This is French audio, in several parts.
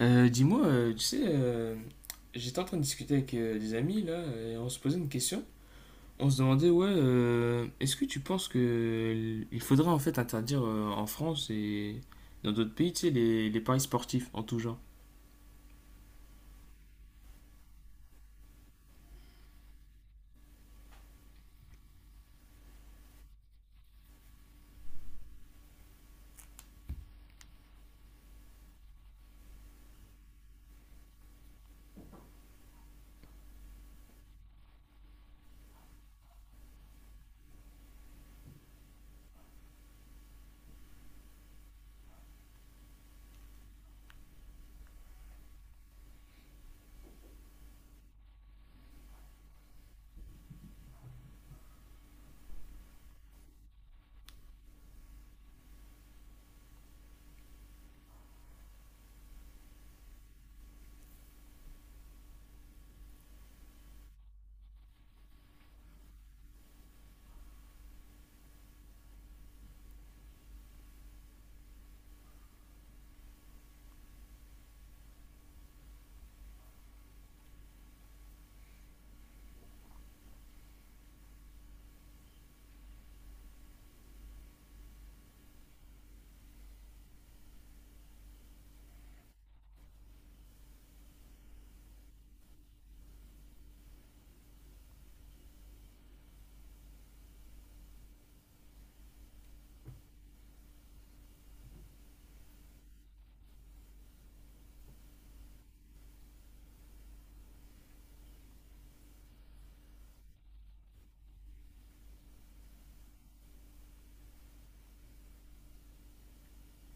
Dis-moi, tu sais, j'étais en train de discuter avec des amis là, et on se posait une question. On se demandait, ouais, est-ce que tu penses que il faudrait en fait interdire en France et dans d'autres pays, tu sais, les paris sportifs en tout genre?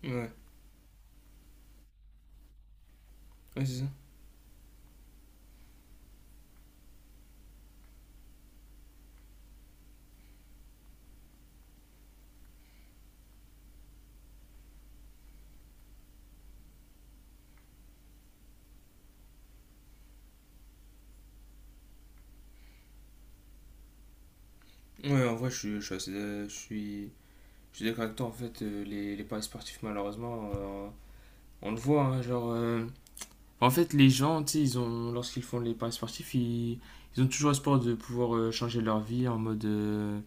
Ouais, ouais, c'est ça. Ouais, en vrai, je suis d'accord avec toi, en fait, les paris sportifs, malheureusement, on le voit, hein, genre, en fait, les gens, tu sais, lorsqu'ils font les paris sportifs, ils ont toujours espoir de pouvoir changer leur vie en mode.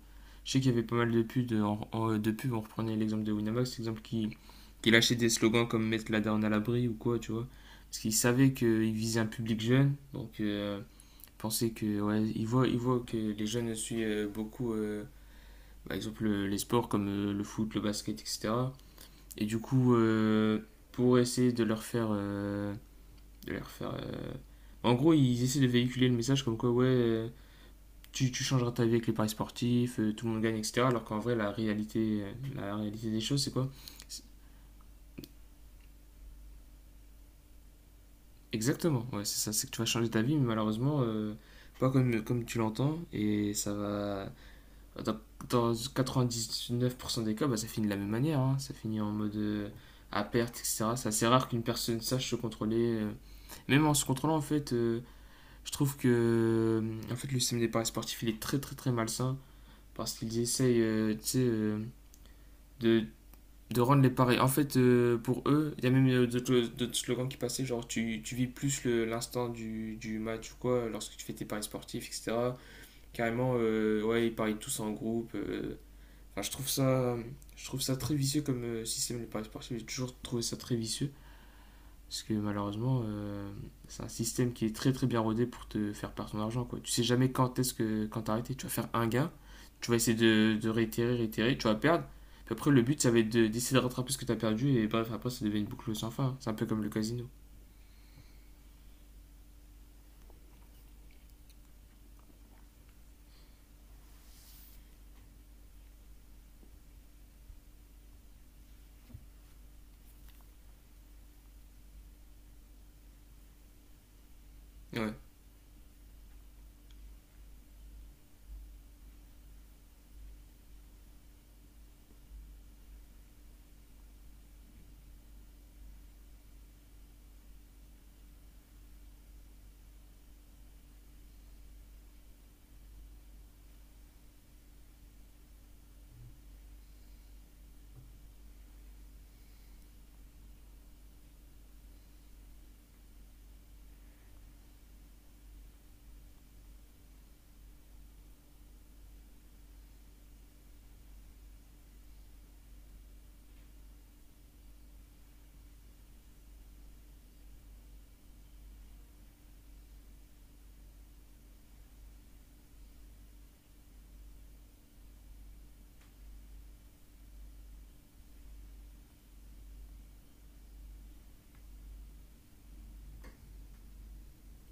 Je sais qu'il y avait pas mal de pubs, de pubs, on reprenait l'exemple de Winamax, qui lâchait des slogans comme mettre la down à l'abri ou quoi, tu vois. Parce qu'ils savaient qu'ils visaient un public jeune, donc ils pensaient que, ouais, ils voient que les jeunes suivent beaucoup, par exemple, les sports comme le foot, le basket, etc. Et du coup, pour essayer de leur faire. De leur faire en gros, ils essaient de véhiculer le message comme quoi, ouais, tu changeras ta vie avec les paris sportifs, tout le monde gagne, etc. Alors qu'en vrai, la réalité des choses, c'est quoi? C'est- Exactement, ouais, c'est ça, c'est que tu vas changer ta vie, mais malheureusement, pas comme, comme tu l'entends, et ça va. Dans, Dans 99% des cas, bah, ça finit de la même manière, hein. Ça finit en mode à perte, etc. C'est assez rare qu'une personne sache se contrôler. Même en se contrôlant, en fait, je trouve que en fait, le système des paris sportifs, il est très très très malsain parce qu'ils essayent tu sais, de, de rendre les pareils. En fait, pour eux, il y a même d'autres slogans qui passaient, tu vis plus l'instant du match ou quoi, lorsque tu fais tes paris sportifs, etc. Carrément, ouais, ils parient tous en groupe. Enfin, je trouve ça très vicieux comme système, les paris sportifs. J'ai toujours trouvé ça très vicieux. Parce que malheureusement, c'est un système qui est très très bien rodé pour te faire perdre ton argent. Quoi. Tu sais jamais quand est-ce que quand t'arrêter. Tu vas faire un gain, tu vas essayer de réitérer, réitérer, tu vas perdre. Puis après, le but, ça va être d'essayer de rattraper ce que t'as perdu. Et bref, après, ça devient une boucle sans fin. C'est un peu comme le casino. Ouais,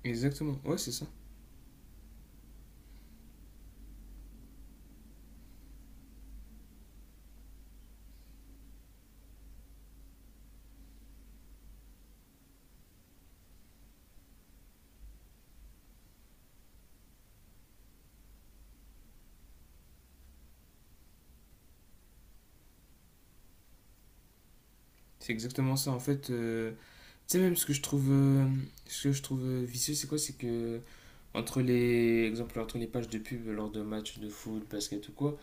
exactement. Ouais, c'est ça. C'est exactement ça. En fait, tu sais, même ce que je trouve, ce que je trouve vicieux, c'est quoi? C'est que entre les, exemple, entre les pages de pub lors de matchs de foot, basket ou quoi,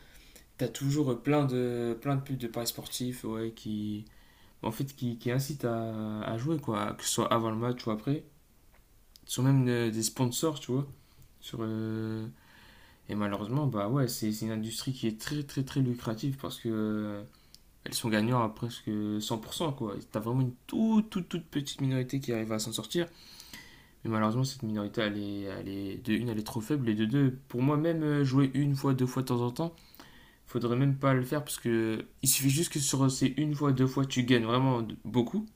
t'as toujours plein de pubs de paris sportifs, ouais, qui, en fait, qui incitent à jouer, quoi, que ce soit avant le match ou après. Ce sont même des sponsors, tu vois. Sur, euh, Et malheureusement, bah ouais, c'est une industrie qui est très très très lucrative parce que elles sont gagnantes à presque 100%, quoi. T'as vraiment une toute toute toute petite minorité qui arrive à s'en sortir. Mais malheureusement, cette minorité, de une, elle est trop faible et de deux, pour moi même, jouer une fois, deux fois de temps en temps, faudrait même pas le faire parce que il suffit juste que sur ces une fois, deux fois, tu gagnes vraiment beaucoup.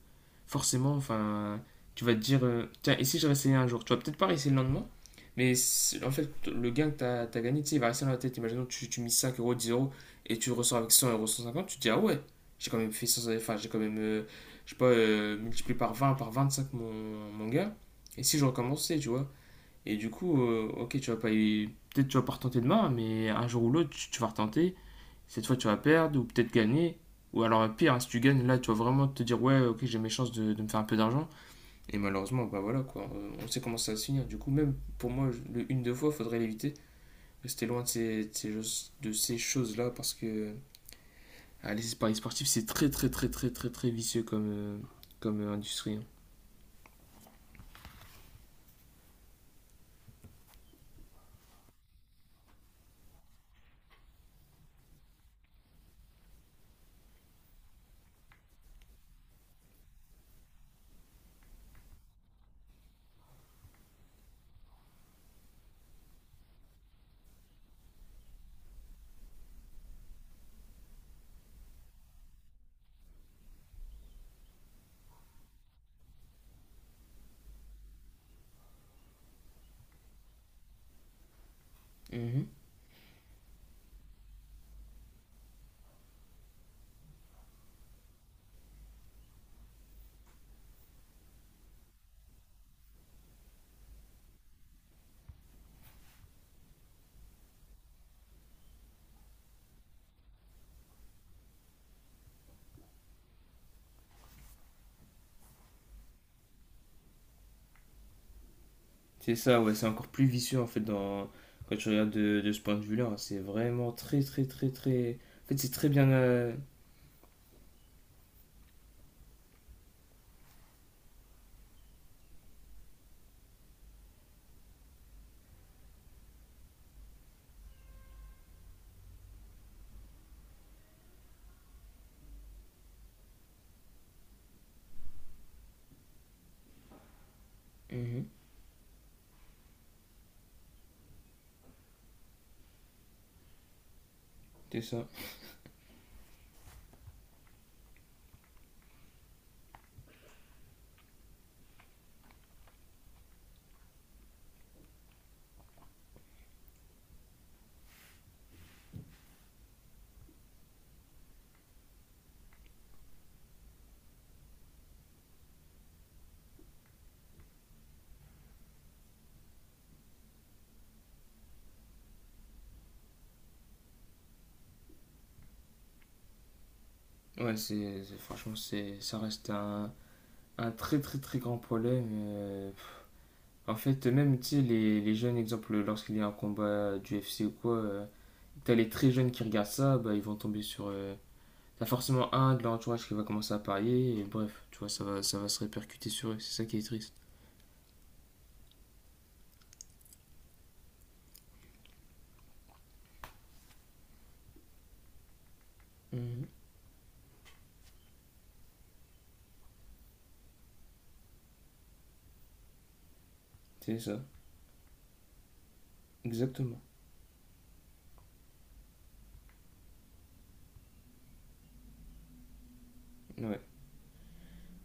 Forcément, enfin, tu vas te dire, tiens, et si je réessayais un jour? Tu vas peut-être pas réessayer le lendemain, mais en fait, le gain que tu as gagné, tu sais, il va rester dans la tête. Imaginons, tu mises 5 euros, 10 €, et tu ressors avec 100 euros, 150, tu te dis, ah ouais, j'ai quand même fait cent, enfin, j'ai quand même, je sais pas, multiplié par 20, par 25, mon gain. Et si je recommençais, tu vois? Et du coup, ok, tu vas pas y- peut-être tu vas pas retenter demain, mais un jour ou l'autre, tu vas retenter, cette fois tu vas perdre ou peut-être gagner. Ou alors pire, hein, si tu gagnes, là tu vas vraiment te dire, ouais, ok, j'ai mes chances de me faire un peu d'argent. Et malheureusement, bah voilà quoi, on sait comment ça va se finir. Du coup même pour moi, le une deux fois, faudrait l'éviter. Rester loin de ces, de ces choses-là parce que ah, les paris sportifs c'est très très très très très très vicieux comme, industrie. Hein. Mm-hmm. C'est ça, ouais, c'est encore plus vicieux en fait dans... quand tu regardes de ce point de vue-là. Hein. C'est vraiment très, très, très, très. En fait, c'est très bien. Mm-hmm. C'est ça. Ouais, franchement, c'est, ça reste un très très très grand problème. Pff. En fait, même, tu sais, les jeunes, exemple, lorsqu'il y a un combat du UFC ou quoi, t'as les très jeunes qui regardent ça, bah, ils vont tomber sur... t'as forcément un de leur entourage qui va commencer à parier, et bref, tu vois, ça va se répercuter sur eux, c'est ça qui est triste. Mhm. C'est ça, exactement. Ouais,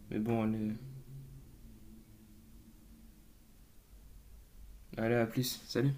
mais bon, allez, allez, à plus, salut